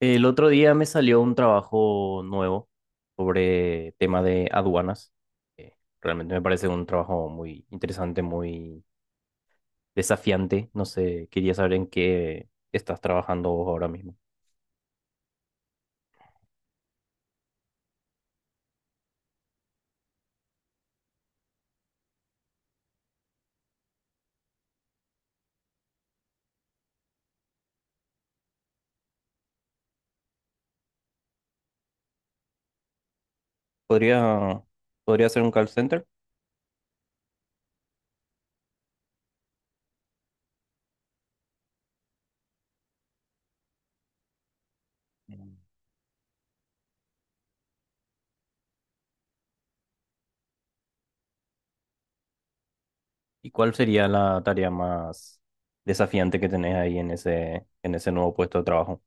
El otro día me salió un trabajo nuevo sobre tema de aduanas. Eh, Realmente me parece un trabajo muy interesante, muy desafiante. No sé, quería saber en qué estás trabajando vos ahora mismo. ¿Podría, podría ser un call center? Mm. ¿Y cuál sería la tarea más desafiante que tenés ahí en ese nuevo puesto de trabajo?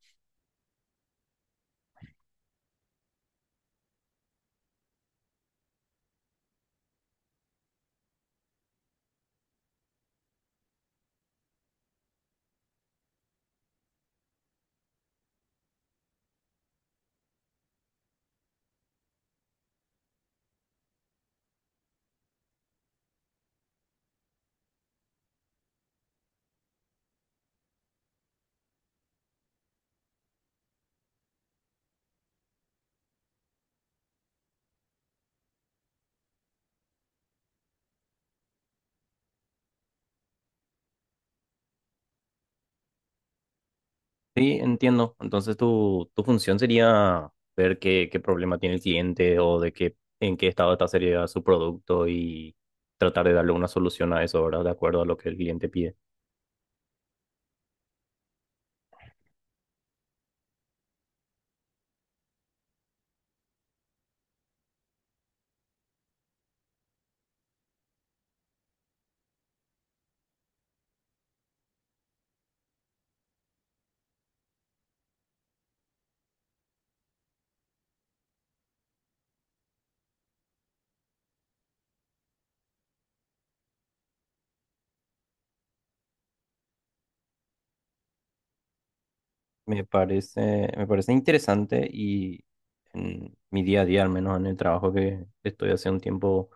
Sí, entiendo. Entonces tu función sería ver qué, qué problema tiene el cliente o de qué, en qué estado está sería su producto y tratar de darle una solución a eso, ¿verdad? De acuerdo a lo que el cliente pide. Me parece interesante y en mi día a día, al menos en el trabajo que estoy hace un tiempo,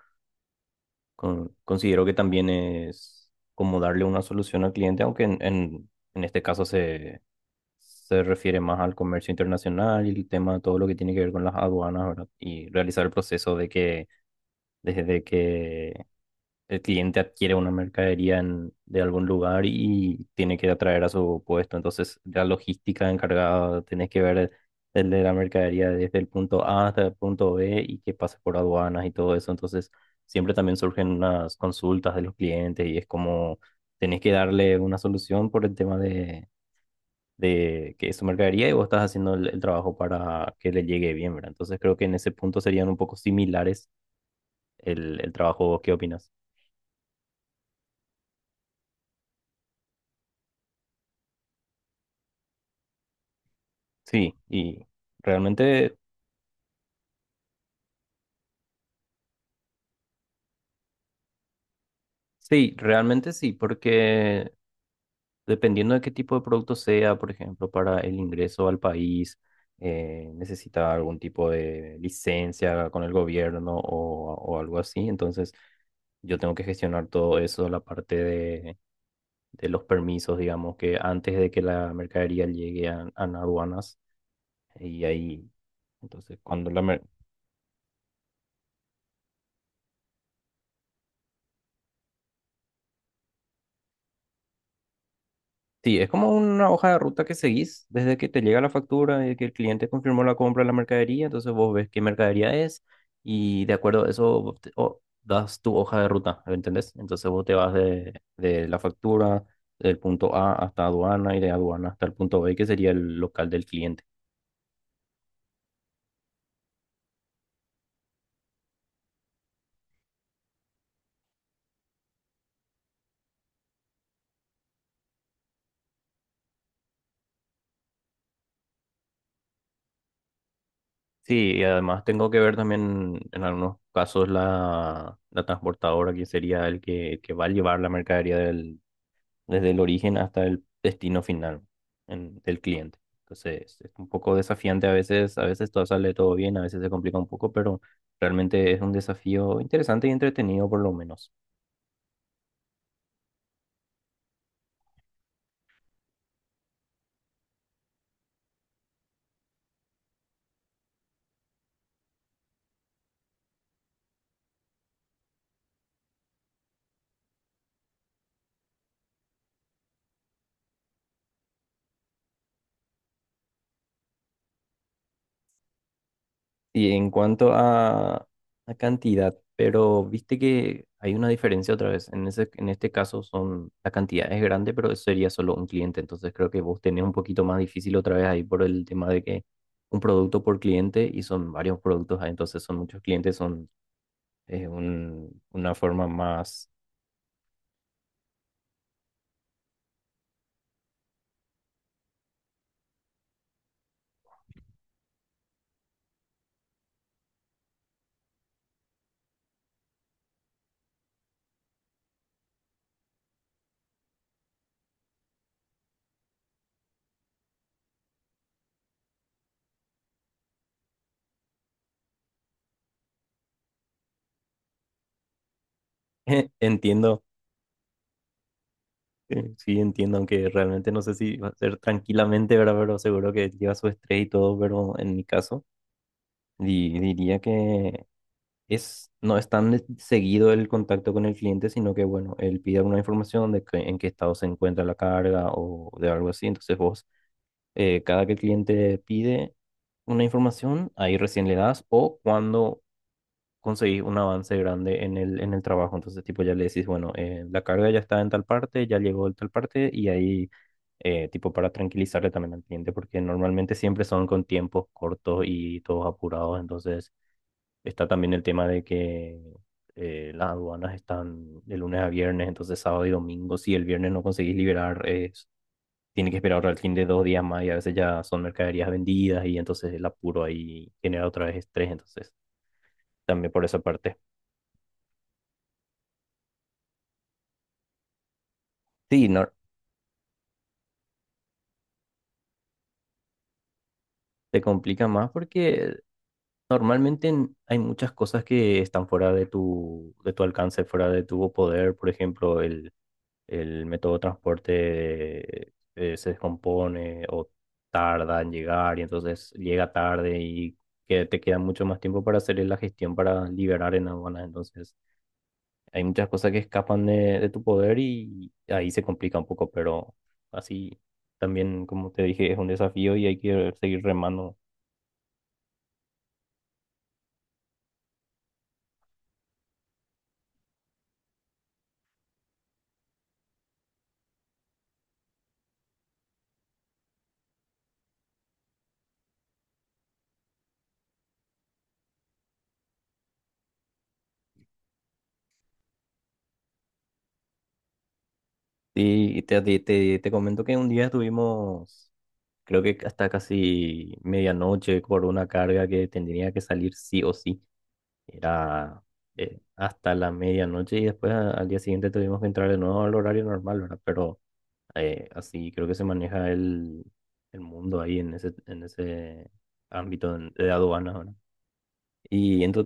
considero que también es como darle una solución al cliente, aunque en este caso se refiere más al comercio internacional y el tema, todo lo que tiene que ver con las aduanas, ¿verdad? Y realizar el proceso de que desde que el cliente adquiere una mercadería de algún lugar y tiene que atraer a su puesto. Entonces, la logística encargada, tenés que ver el de la mercadería desde el punto A hasta el punto B y que pase por aduanas y todo eso. Entonces, siempre también surgen unas consultas de los clientes y es como… Tenés que darle una solución por el tema de que su mercadería y vos estás haciendo el trabajo para que le llegue bien, ¿verdad? Entonces creo que en ese punto serían un poco similares el trabajo. ¿Vos qué opinas? Sí, y realmente, sí, realmente sí, porque dependiendo de qué tipo de producto sea, por ejemplo, para el ingreso al país, necesita algún tipo de licencia con el gobierno o algo así, entonces yo tengo que gestionar todo eso, la parte de los permisos, digamos, que antes de que la mercadería llegue a aduanas y ahí, entonces, cuando Sí, es como una hoja de ruta que seguís desde que te llega la factura y que el cliente confirmó la compra de la mercadería, entonces vos ves qué mercadería es y de acuerdo a eso vos das tu hoja de ruta, ¿me ¿entendés? Entonces vos te vas de la factura del punto A hasta aduana y de aduana hasta el punto B, que sería el local del cliente. Sí, y además tengo que ver también en algunos casos la, la transportadora que sería el que va a llevar la mercadería desde el origen hasta el destino final del cliente. Entonces es un poco desafiante a veces todo sale todo bien, a veces se complica un poco, pero realmente es un desafío interesante y entretenido por lo menos. Y en cuanto a cantidad, pero viste que hay una diferencia otra vez. En ese, en este caso son, la cantidad es grande, pero eso sería solo un cliente. Entonces creo que vos tenés un poquito más difícil otra vez ahí por el tema de que un producto por cliente y son varios productos, ah, entonces son muchos clientes, son es un, una forma más, entiendo, sí entiendo, aunque realmente no sé si va a ser tranquilamente, ¿verdad? Pero seguro que lleva su estrés y todo, pero en mi caso diría que… es, no es tan seguido el contacto con el cliente, sino que, bueno, él pide alguna información de en qué estado se encuentra la carga o de algo así. Entonces vos, cada que el cliente pide una información, ahí recién le das o cuando conseguís un avance grande en el trabajo. Entonces, tipo, ya le decís, bueno, la carga ya está en tal parte, ya llegó en tal parte y ahí, tipo, para tranquilizarle también al cliente, porque normalmente siempre son con tiempos cortos y todos apurados. Entonces está también el tema de que las aduanas están de lunes a viernes, entonces sábado y domingo, si el viernes no conseguís liberar, es, tiene que esperar al fin de dos días más y a veces ya son mercaderías vendidas y entonces el apuro ahí genera otra vez estrés, entonces también por esa parte. Sí, no, te complica más porque normalmente hay muchas cosas que están fuera de tu alcance, fuera de tu poder, por ejemplo, el método de transporte se descompone o tarda en llegar y entonces llega tarde y que te queda mucho más tiempo para hacer la gestión para liberar en aduanas. Entonces hay muchas cosas que escapan de tu poder y ahí se complica un poco, pero así también, como te dije, es un desafío y hay que seguir remando. Sí, y te comento que un día estuvimos, creo que hasta casi medianoche, por una carga que tendría que salir sí o sí. Era hasta la medianoche y después al día siguiente tuvimos que entrar de nuevo al horario normal, ¿verdad? Pero así creo que se maneja el mundo ahí en ese ámbito de aduanas, ¿verdad? Y,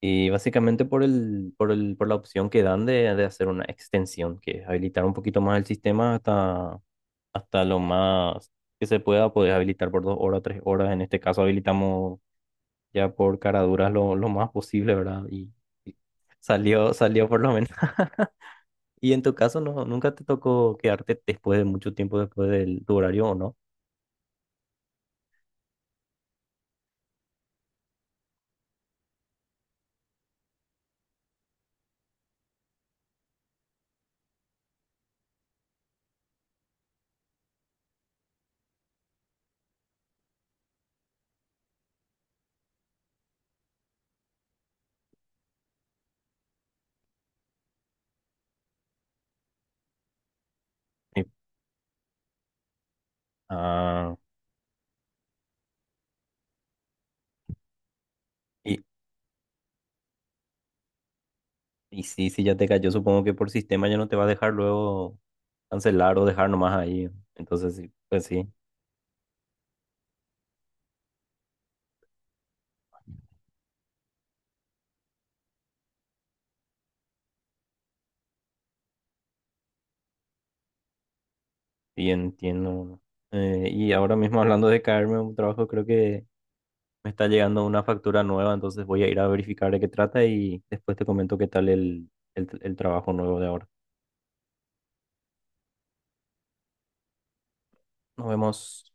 y básicamente por el, por el, por la opción que dan de hacer una extensión, que es habilitar un poquito más el sistema hasta, hasta lo más que se pueda, poder habilitar por dos horas, tres horas. En este caso habilitamos ya por caraduras lo más posible, ¿verdad? Y salió, salió por lo menos. Y en tu caso, no, ¿nunca te tocó quedarte después de mucho tiempo después del tu horario o no? Sí. Ah, y, y sí, sí, ya te cayó, supongo que por sistema ya no te va a dejar luego cancelar o dejar nomás ahí. Entonces, sí, pues sí, sí entiendo. Y ahora mismo hablando de caerme a un trabajo, creo que me está llegando una factura nueva, entonces voy a ir a verificar de qué trata y después te comento qué tal el trabajo nuevo de ahora. Nos vemos.